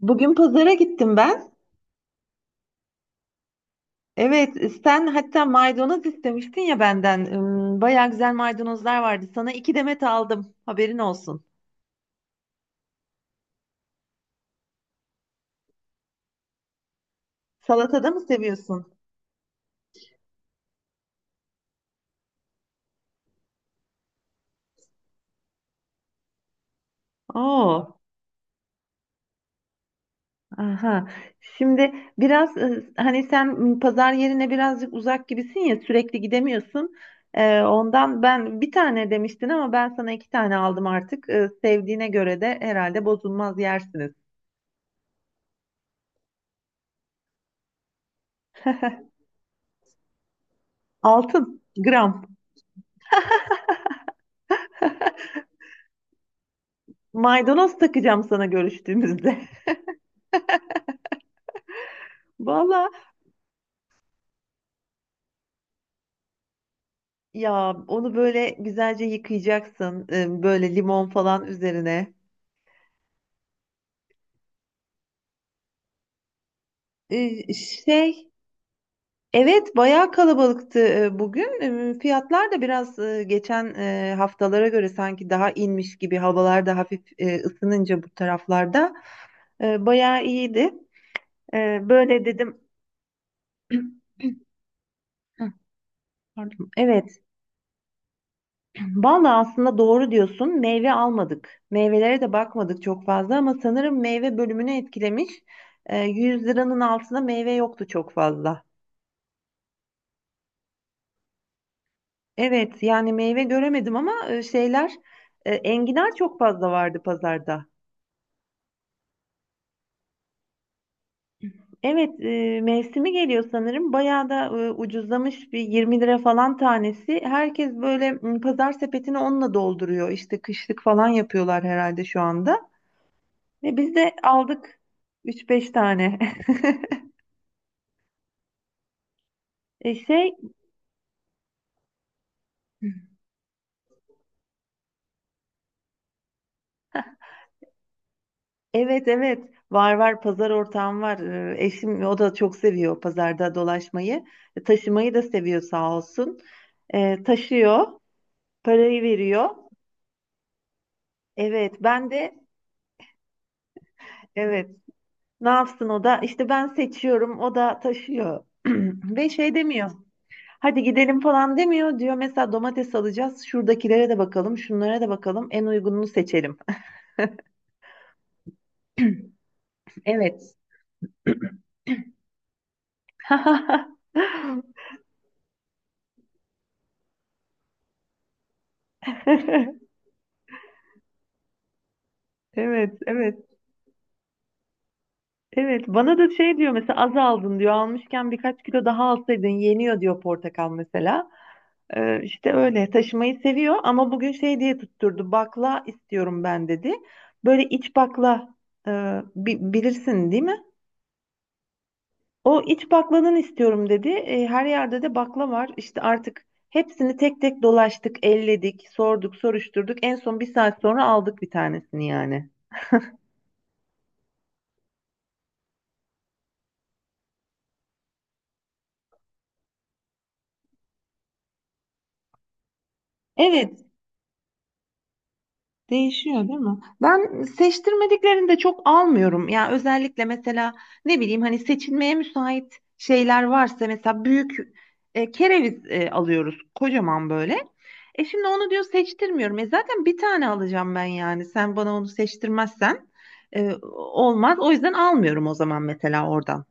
Bugün pazara gittim ben. Evet, sen hatta maydanoz istemiştin ya benden. Bayağı güzel maydanozlar vardı. Sana iki demet aldım. Haberin olsun. Salatada mı seviyorsun? Oo. Aha. Şimdi biraz hani sen pazar yerine birazcık uzak gibisin ya sürekli gidemiyorsun. Ondan ben bir tane demiştin ama ben sana iki tane aldım artık. Sevdiğine göre de herhalde bozulmaz yersiniz. Altın gram. Maydanoz takacağım sana görüştüğümüzde. Vallahi. Ya onu böyle güzelce yıkayacaksın. Böyle limon falan üzerine. E, Şey, evet, bayağı kalabalıktı bugün. Fiyatlar da biraz geçen haftalara göre sanki daha inmiş gibi. Havalar da hafif ısınınca bu taraflarda. Bayağı iyiydi. Böyle dedim. Hı, Pardon. Evet. Vallahi aslında doğru diyorsun. Meyve almadık. Meyvelere de bakmadık çok fazla ama sanırım meyve bölümünü etkilemiş. 100 liranın altında meyve yoktu çok fazla. Evet, yani meyve göremedim ama şeyler enginar çok fazla vardı pazarda. Evet, mevsimi geliyor sanırım. Bayağı da ucuzlamış, bir 20 lira falan tanesi. Herkes böyle pazar sepetini onunla dolduruyor. İşte kışlık falan yapıyorlar herhalde şu anda. Ve biz de aldık üç beş tane. E, şey evet, evet, var var, pazar ortağım var. Eşim, o da çok seviyor pazarda dolaşmayı. Taşımayı da seviyor sağ olsun. Taşıyor, parayı veriyor. Evet, ben de. Evet, ne yapsın, o da işte ben seçiyorum, o da taşıyor. Ve şey demiyor. Hadi gidelim falan demiyor. Diyor mesela domates alacağız. Şuradakilere de bakalım, şunlara da bakalım. En uygununu seçelim. Evet. Evet, evet. Evet, bana da şey diyor mesela, az aldın diyor. Almışken birkaç kilo daha alsaydın yeniyor diyor, portakal mesela. İşte öyle taşımayı seviyor ama bugün şey diye tutturdu. Bakla istiyorum ben dedi. Böyle iç bakla, e, bilirsin değil mi? O iç bakladan istiyorum dedi. Her yerde de bakla var. İşte artık hepsini tek tek dolaştık, elledik, sorduk, soruşturduk. En son bir saat sonra aldık bir tanesini yani. Evet, değişiyor değil mi? Ben seçtirmediklerini de çok almıyorum. Ya özellikle mesela, ne bileyim, hani seçilmeye müsait şeyler varsa, mesela büyük kereviz alıyoruz, kocaman böyle. Şimdi onu diyor seçtirmiyorum. Zaten bir tane alacağım ben yani. Sen bana onu seçtirmezsen. Olmaz. O yüzden almıyorum o zaman mesela oradan.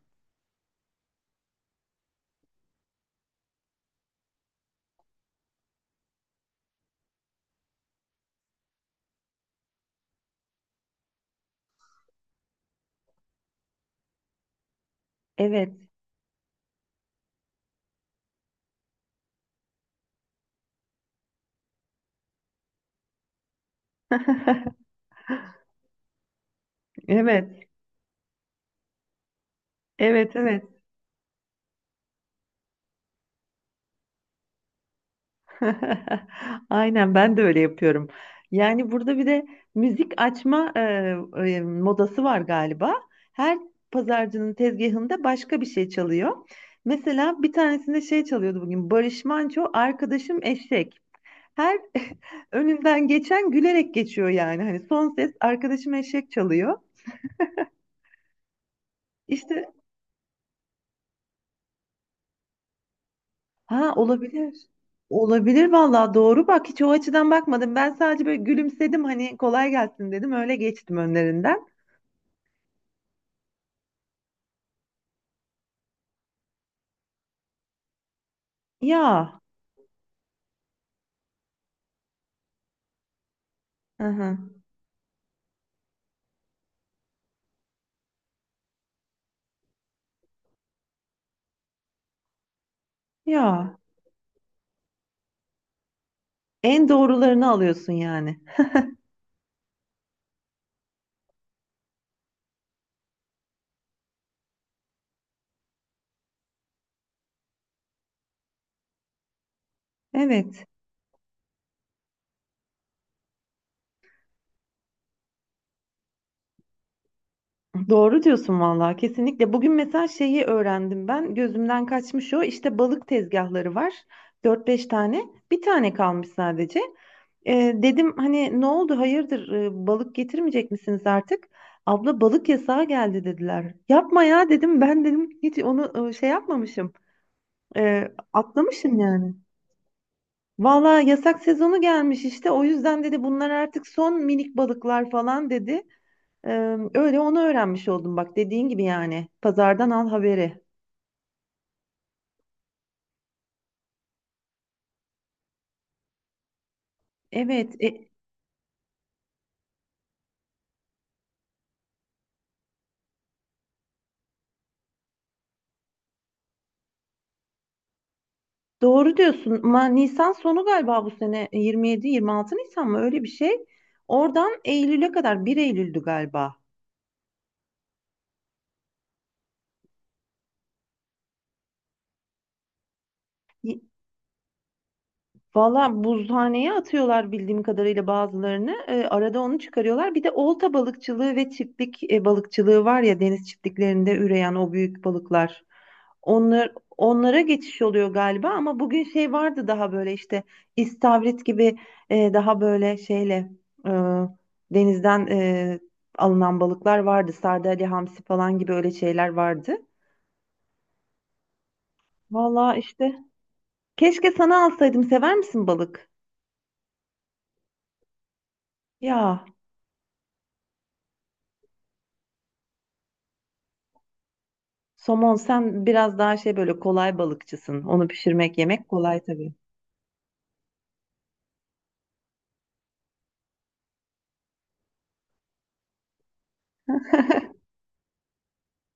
Evet. Evet. Evet, evet. Aynen, ben de öyle yapıyorum. Yani burada bir de müzik açma modası var galiba. Her pazarcının tezgahında başka bir şey çalıyor. Mesela bir tanesinde şey çalıyordu bugün. Barış Manço, arkadaşım eşek. Her önünden geçen gülerek geçiyor yani. Hani son ses arkadaşım eşek çalıyor. İşte. Ha, olabilir. Olabilir vallahi, doğru bak, hiç o açıdan bakmadım. Ben sadece böyle gülümsedim, hani kolay gelsin dedim, öyle geçtim önlerinden. Ya. Hı hı. Ya. En doğrularını alıyorsun yani. Evet. Doğru diyorsun vallahi, kesinlikle. Bugün mesela şeyi öğrendim ben. Gözümden kaçmış o. İşte balık tezgahları var. Dört beş tane. Bir tane kalmış sadece. Dedim hani ne oldu hayırdır, balık getirmeyecek misiniz artık? Abla balık yasağı geldi dediler. Yapma ya dedim, ben dedim hiç onu şey yapmamışım. Atlamışım yani. Valla yasak sezonu gelmiş işte, o yüzden dedi bunlar artık son minik balıklar falan dedi. Öyle onu öğrenmiş oldum bak, dediğin gibi yani. Pazardan al haberi. Evet, doğru diyorsun. Ama Nisan sonu galiba bu sene, 27-26 Nisan mı, öyle bir şey. Oradan Eylül'e kadar, bir Eylül'dü galiba. Valla buzhaneye atıyorlar bildiğim kadarıyla bazılarını. Arada onu çıkarıyorlar. Bir de olta balıkçılığı ve çiftlik balıkçılığı var ya, deniz çiftliklerinde üreyen o büyük balıklar. Onlara geçiş oluyor galiba ama bugün şey vardı, daha böyle işte istavrit gibi, daha böyle şeyle, e, denizden alınan balıklar vardı. Sardalya, hamsi falan gibi öyle şeyler vardı. Valla işte, keşke sana alsaydım. Sever misin balık? Ya. Somon, sen biraz daha şey, böyle kolay balıkçısın. Onu pişirmek, yemek kolay tabii.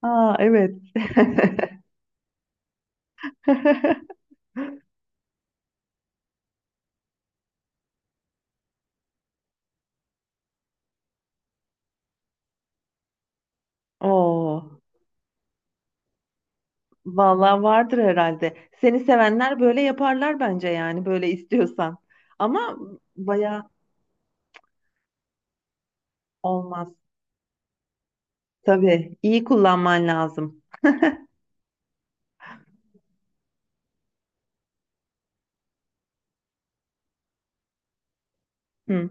Aa, evet. Oo, vallahi vardır herhalde. Seni sevenler böyle yaparlar bence, yani böyle istiyorsan. Ama baya olmaz. Tabii iyi kullanman lazım. Hı.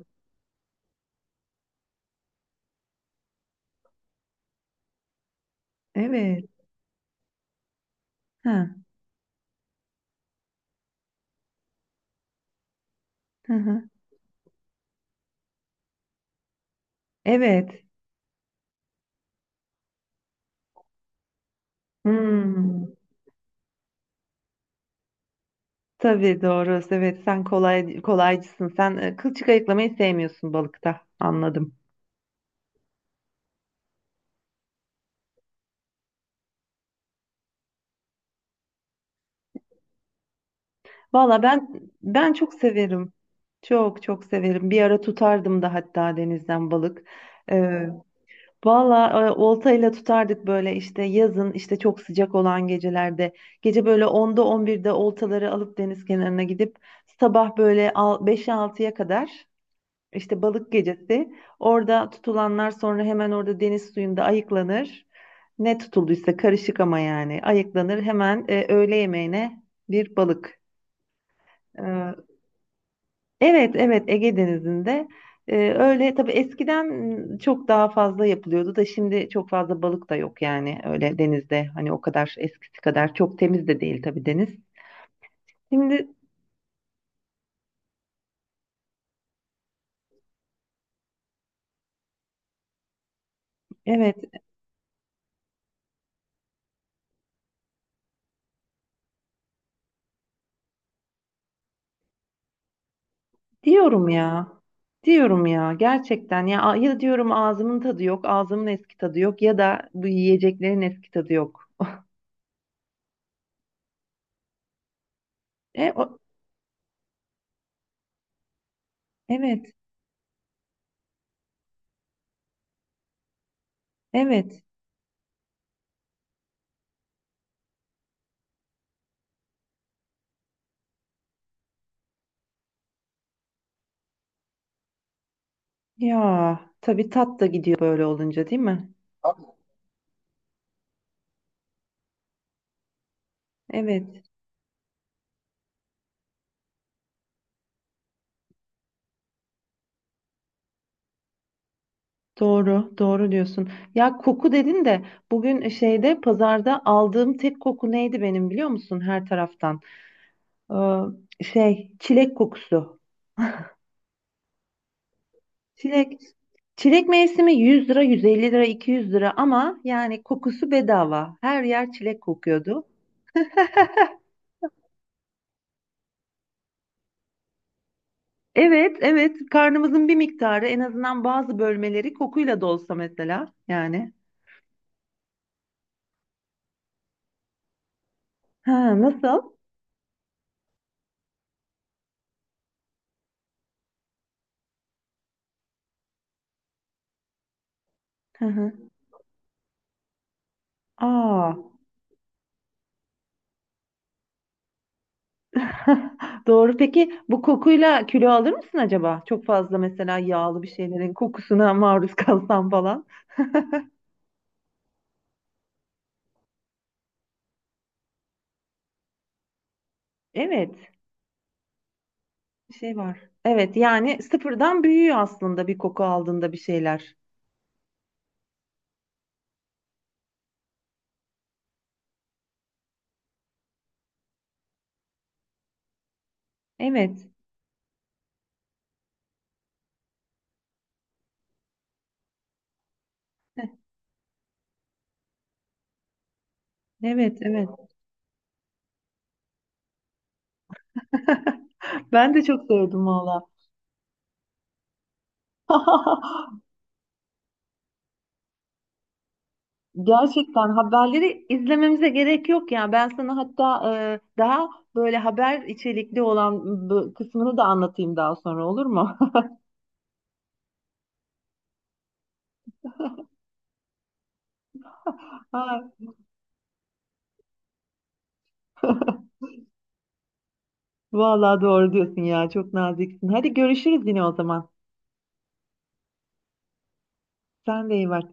Evet. Ha. Hı hı. Evet. Hmm. Tabii doğru. Evet, sen kolay kolaycısın. Sen kılçık ayıklamayı sevmiyorsun balıkta. Anladım. Valla ben çok severim. Çok çok severim. Bir ara tutardım da hatta, denizden balık. Ee, Valla oltayla tutardık böyle, işte yazın, işte çok sıcak olan gecelerde. Gece böyle 10'da 11'de oltaları alıp deniz kenarına gidip sabah böyle 5'e 6'ya kadar, işte balık gecesi. Orada tutulanlar sonra hemen orada deniz suyunda ayıklanır. Ne tutulduysa karışık ama yani ayıklanır. Hemen öğle yemeğine bir balık. Ee, Evet, evet, Ege Denizi'nde. Öyle tabii, eskiden çok daha fazla yapılıyordu da, şimdi çok fazla balık da yok yani, öyle denizde, hani o kadar eskisi kadar çok temiz de değil tabii deniz. Şimdi, evet, diyorum ya, diyorum ya gerçekten, ya diyorum ağzımın tadı yok, ağzımın eski tadı yok ya da bu yiyeceklerin eski tadı yok. E, o, evet, evet, ya tabii tat da gidiyor böyle olunca değil mi? Evet. Doğru, doğru diyorsun. Ya koku dedin de, bugün şeyde, pazarda aldığım tek koku neydi benim biliyor musun her taraftan? Çilek kokusu. Çilek. Çilek mevsimi, 100 lira, 150 lira, 200 lira, ama yani kokusu bedava. Her yer çilek kokuyordu. Evet, evet. Karnımızın bir miktarı, en azından bazı bölmeleri kokuyla dolsa mesela yani. Ha, nasıl? Hı hı. Aa. Doğru. Peki bu kokuyla kilo alır mısın acaba? Çok fazla mesela yağlı bir şeylerin kokusuna maruz kalsam falan. Evet, bir şey var. Evet, yani sıfırdan büyüyor aslında bir koku aldığında bir şeyler. Evet. Heh. Evet, evet. Ben de çok sevdim valla. Gerçekten haberleri izlememize gerek yok ya. Ben sana hatta daha böyle haber içerikli olan bu kısmını da anlatayım daha sonra, olur mu? Ha. Vallahi doğru diyorsun ya. Çok naziksin. Hadi görüşürüz yine o zaman. Sen de iyi bak.